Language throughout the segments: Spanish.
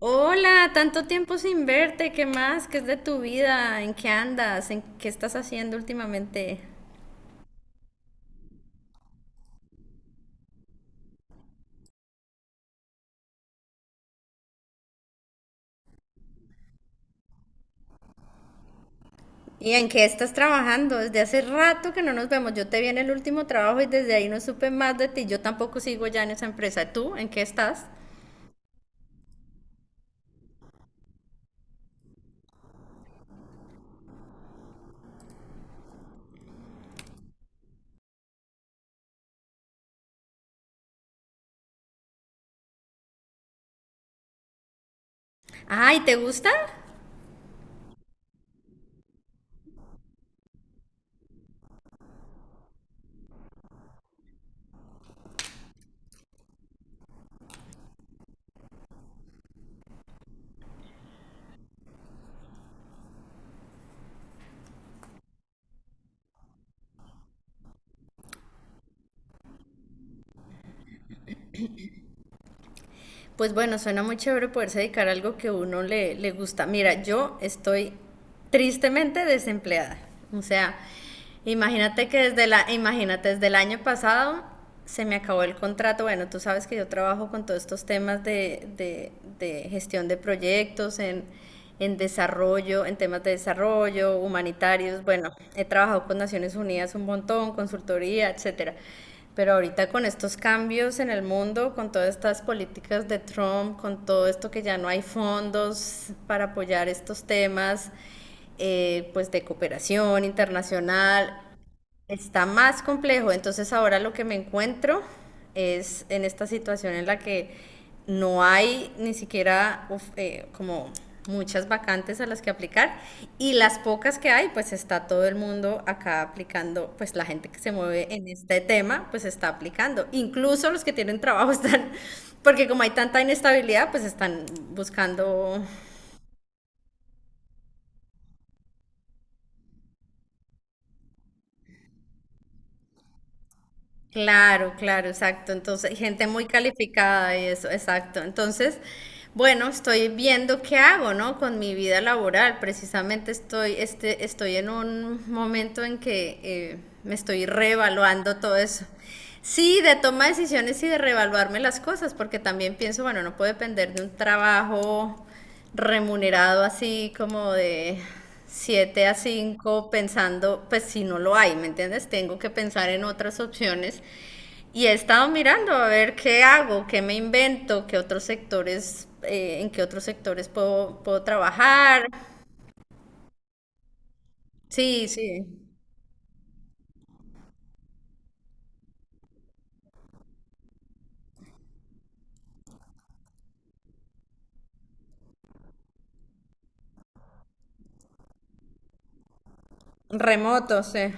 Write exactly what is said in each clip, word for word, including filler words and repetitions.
Hola, tanto tiempo sin verte, ¿qué más? ¿Qué es de tu vida? ¿En qué andas? ¿En qué estás haciendo últimamente? ¿Y en qué estás trabajando? Desde hace rato que no nos vemos. Yo te vi en el último trabajo y desde ahí no supe más de ti. Yo tampoco sigo ya en esa empresa. ¿Tú? ¿En qué estás? Ay, ¿te gusta? Pues bueno, suena muy chévere poderse dedicar a algo que a uno le, le gusta. Mira, yo estoy tristemente desempleada. O sea, imagínate que desde la, imagínate, desde el año pasado se me acabó el contrato. Bueno, tú sabes que yo trabajo con todos estos temas de, de- de gestión de proyectos, en, en desarrollo, en temas de desarrollo, humanitarios. Bueno, he trabajado con Naciones Unidas un montón, consultoría, etcétera. Pero ahorita con estos cambios en el mundo, con todas estas políticas de Trump, con todo esto que ya no hay fondos para apoyar estos temas, eh, pues de cooperación internacional. Está más complejo, entonces ahora lo que me encuentro es en esta situación en la que no hay ni siquiera uf, eh, como muchas vacantes a las que aplicar, y las pocas que hay, pues está todo el mundo acá aplicando, pues la gente que se mueve en este tema, pues está aplicando. Incluso los que tienen trabajo están, porque como hay tanta inestabilidad, pues están buscando. Claro, claro, exacto. Entonces, gente muy calificada y eso, exacto. Entonces, bueno, estoy viendo qué hago, ¿no? Con mi vida laboral. Precisamente estoy, este, estoy en un momento en que eh, me estoy reevaluando todo eso. Sí, de toma de decisiones y de reevaluarme las cosas, porque también pienso, bueno, no puedo depender de un trabajo remunerado así como de siete a cinco pensando, pues si no lo hay, ¿me entiendes? Tengo que pensar en otras opciones y he estado mirando a ver qué hago, qué me invento, qué otros sectores, eh, en qué otros sectores puedo, puedo trabajar. Sí, sí, remoto, sí.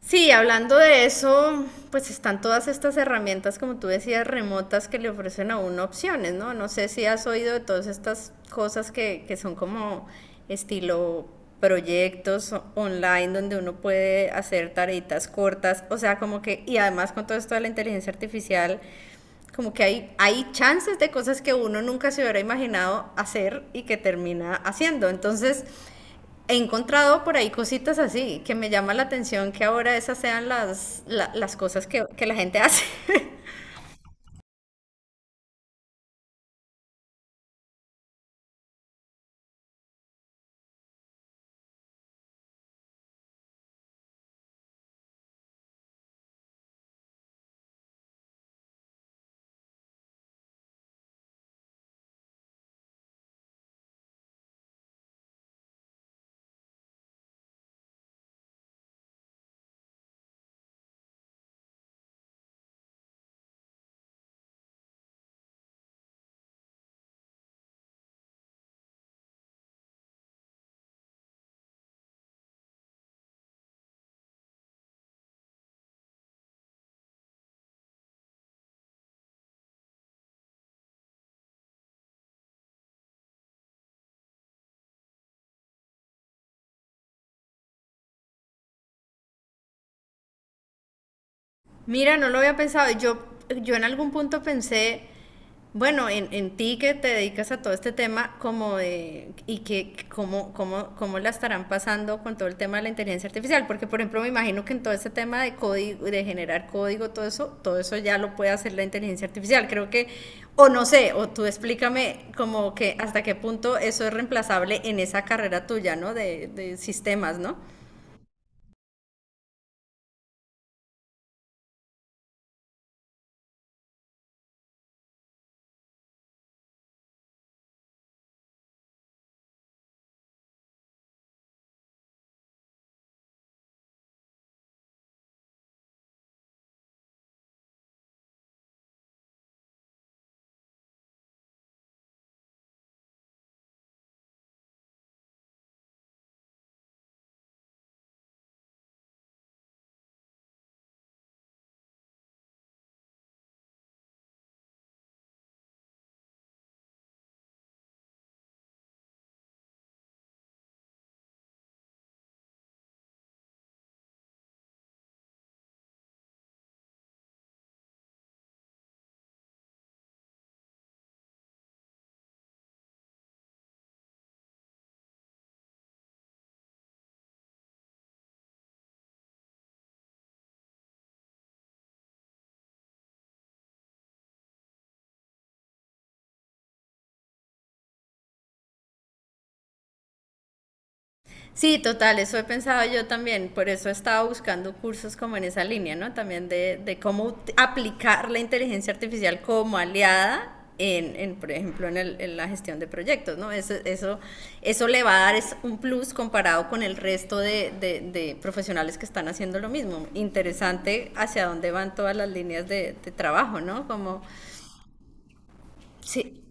Sí, hablando de eso, pues están todas estas herramientas, como tú decías, remotas que le ofrecen a uno opciones, ¿no? No sé si has oído de todas estas cosas que, que son como estilo proyectos o- online donde uno puede hacer tareitas cortas, o sea, como que, y además con todo esto de la inteligencia artificial, como que hay, hay chances de cosas que uno nunca se hubiera imaginado hacer y que termina haciendo. Entonces, he encontrado por ahí cositas así que me llama la atención que ahora esas sean las, la- las cosas que, que la gente hace. Mira, no lo había pensado. Yo, yo en algún punto pensé, bueno, en, en ti que te dedicas a todo este tema, como de, y que cómo, cómo, cómo la estarán pasando con todo el tema de la inteligencia artificial, porque por ejemplo me imagino que en todo este tema de código, de generar código, todo eso, todo eso ya lo puede hacer la inteligencia artificial. Creo que, o no sé, o tú explícame como que hasta qué punto eso es reemplazable en esa carrera tuya, ¿no? De, de sistemas, ¿no? Sí, total, eso he pensado yo también, por eso he estado buscando cursos como en esa línea, ¿no? También de, de cómo ut- aplicar la inteligencia artificial como aliada en, en, por ejemplo, en, el- en la gestión de proyectos, ¿no? Eso, eso, eso le va a dar es un plus comparado con el resto de, de- de profesionales que están haciendo lo mismo. Interesante hacia dónde van todas las líneas de, de trabajo, ¿no? Como, sí,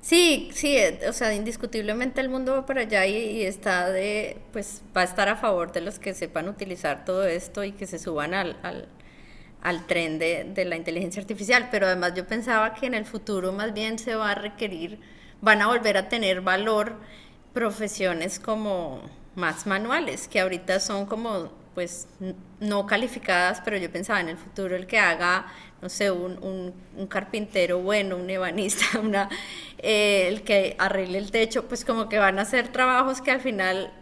sí, sí, eh, o sea, indiscutiblemente el mundo va para allá y, y está de, pues va a estar a favor de los que sepan utilizar todo esto y que se suban al, al, al tren de, de la inteligencia artificial. Pero además yo pensaba que en el futuro más bien se va a requerir, van a volver a tener valor profesiones como más manuales, que ahorita son como, pues, n- no calificadas, pero yo pensaba en el futuro el que haga, no sé, un, un- un carpintero bueno, un ebanista, una, eh, el que arregle el techo, pues como que van a ser trabajos que al final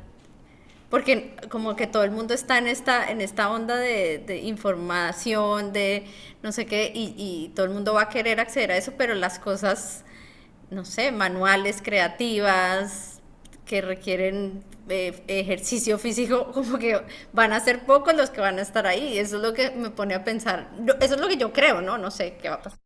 porque como que todo el mundo está en esta, en esta onda de, de información, de no sé qué, y, y todo el mundo va a querer acceder a eso, pero las cosas, no sé, manuales, creativas, que requieren eh, ejercicio físico, como que van a ser pocos los que van a estar ahí. Eso es lo que me pone a pensar. No, eso es lo que yo creo, ¿no? No sé qué va a pasar.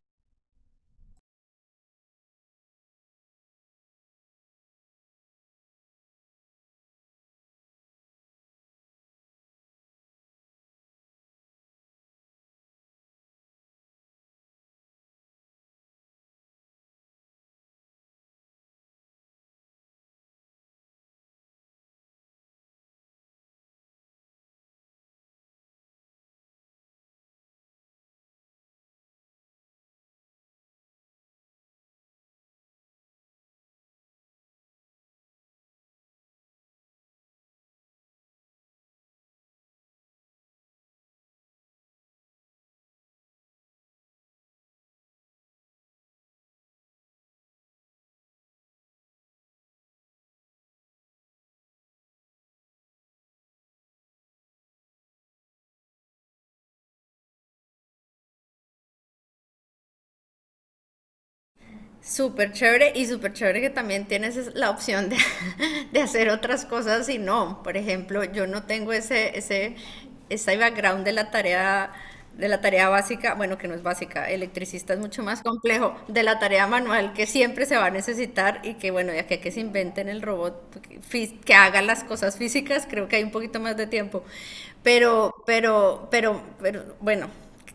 Súper chévere y súper chévere que también tienes es- la opción de, de hacer otras cosas y no. Por ejemplo, yo no tengo ese, ese, ese background de la tarea, de la tarea básica, bueno, que no es básica, electricista es mucho más complejo, de la tarea manual que siempre se va a necesitar y que bueno, ya que, que se inventen el robot que fí- que haga las cosas físicas, creo que hay un poquito más de tiempo. Pero, pero, pero, pero, bueno,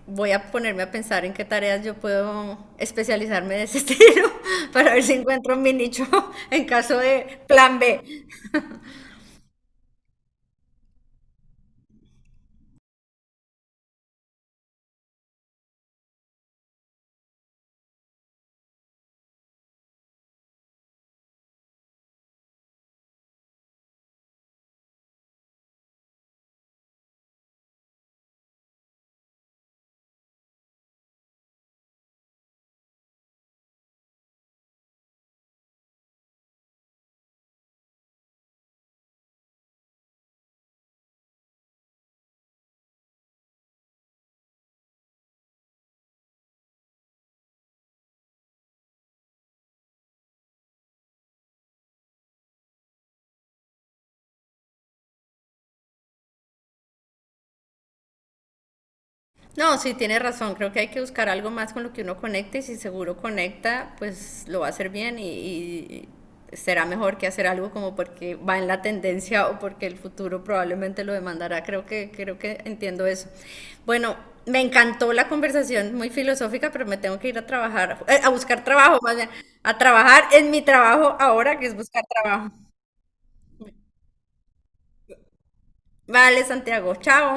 voy a ponerme a pensar en qué tareas yo puedo especializarme de ese estilo para ver si encuentro mi nicho en caso de plan B. No, sí, tiene razón. Creo que hay que buscar algo más con lo que uno conecte y si seguro conecta, pues lo va a hacer bien y, y será mejor que hacer algo como porque va en la tendencia o porque el futuro probablemente lo demandará. Creo que, creo que entiendo eso. Bueno, me encantó la conversación, muy filosófica, pero me tengo que ir a trabajar, eh, a buscar trabajo, más bien, a trabajar en mi trabajo ahora, que es buscar trabajo. Vale, Santiago, chao.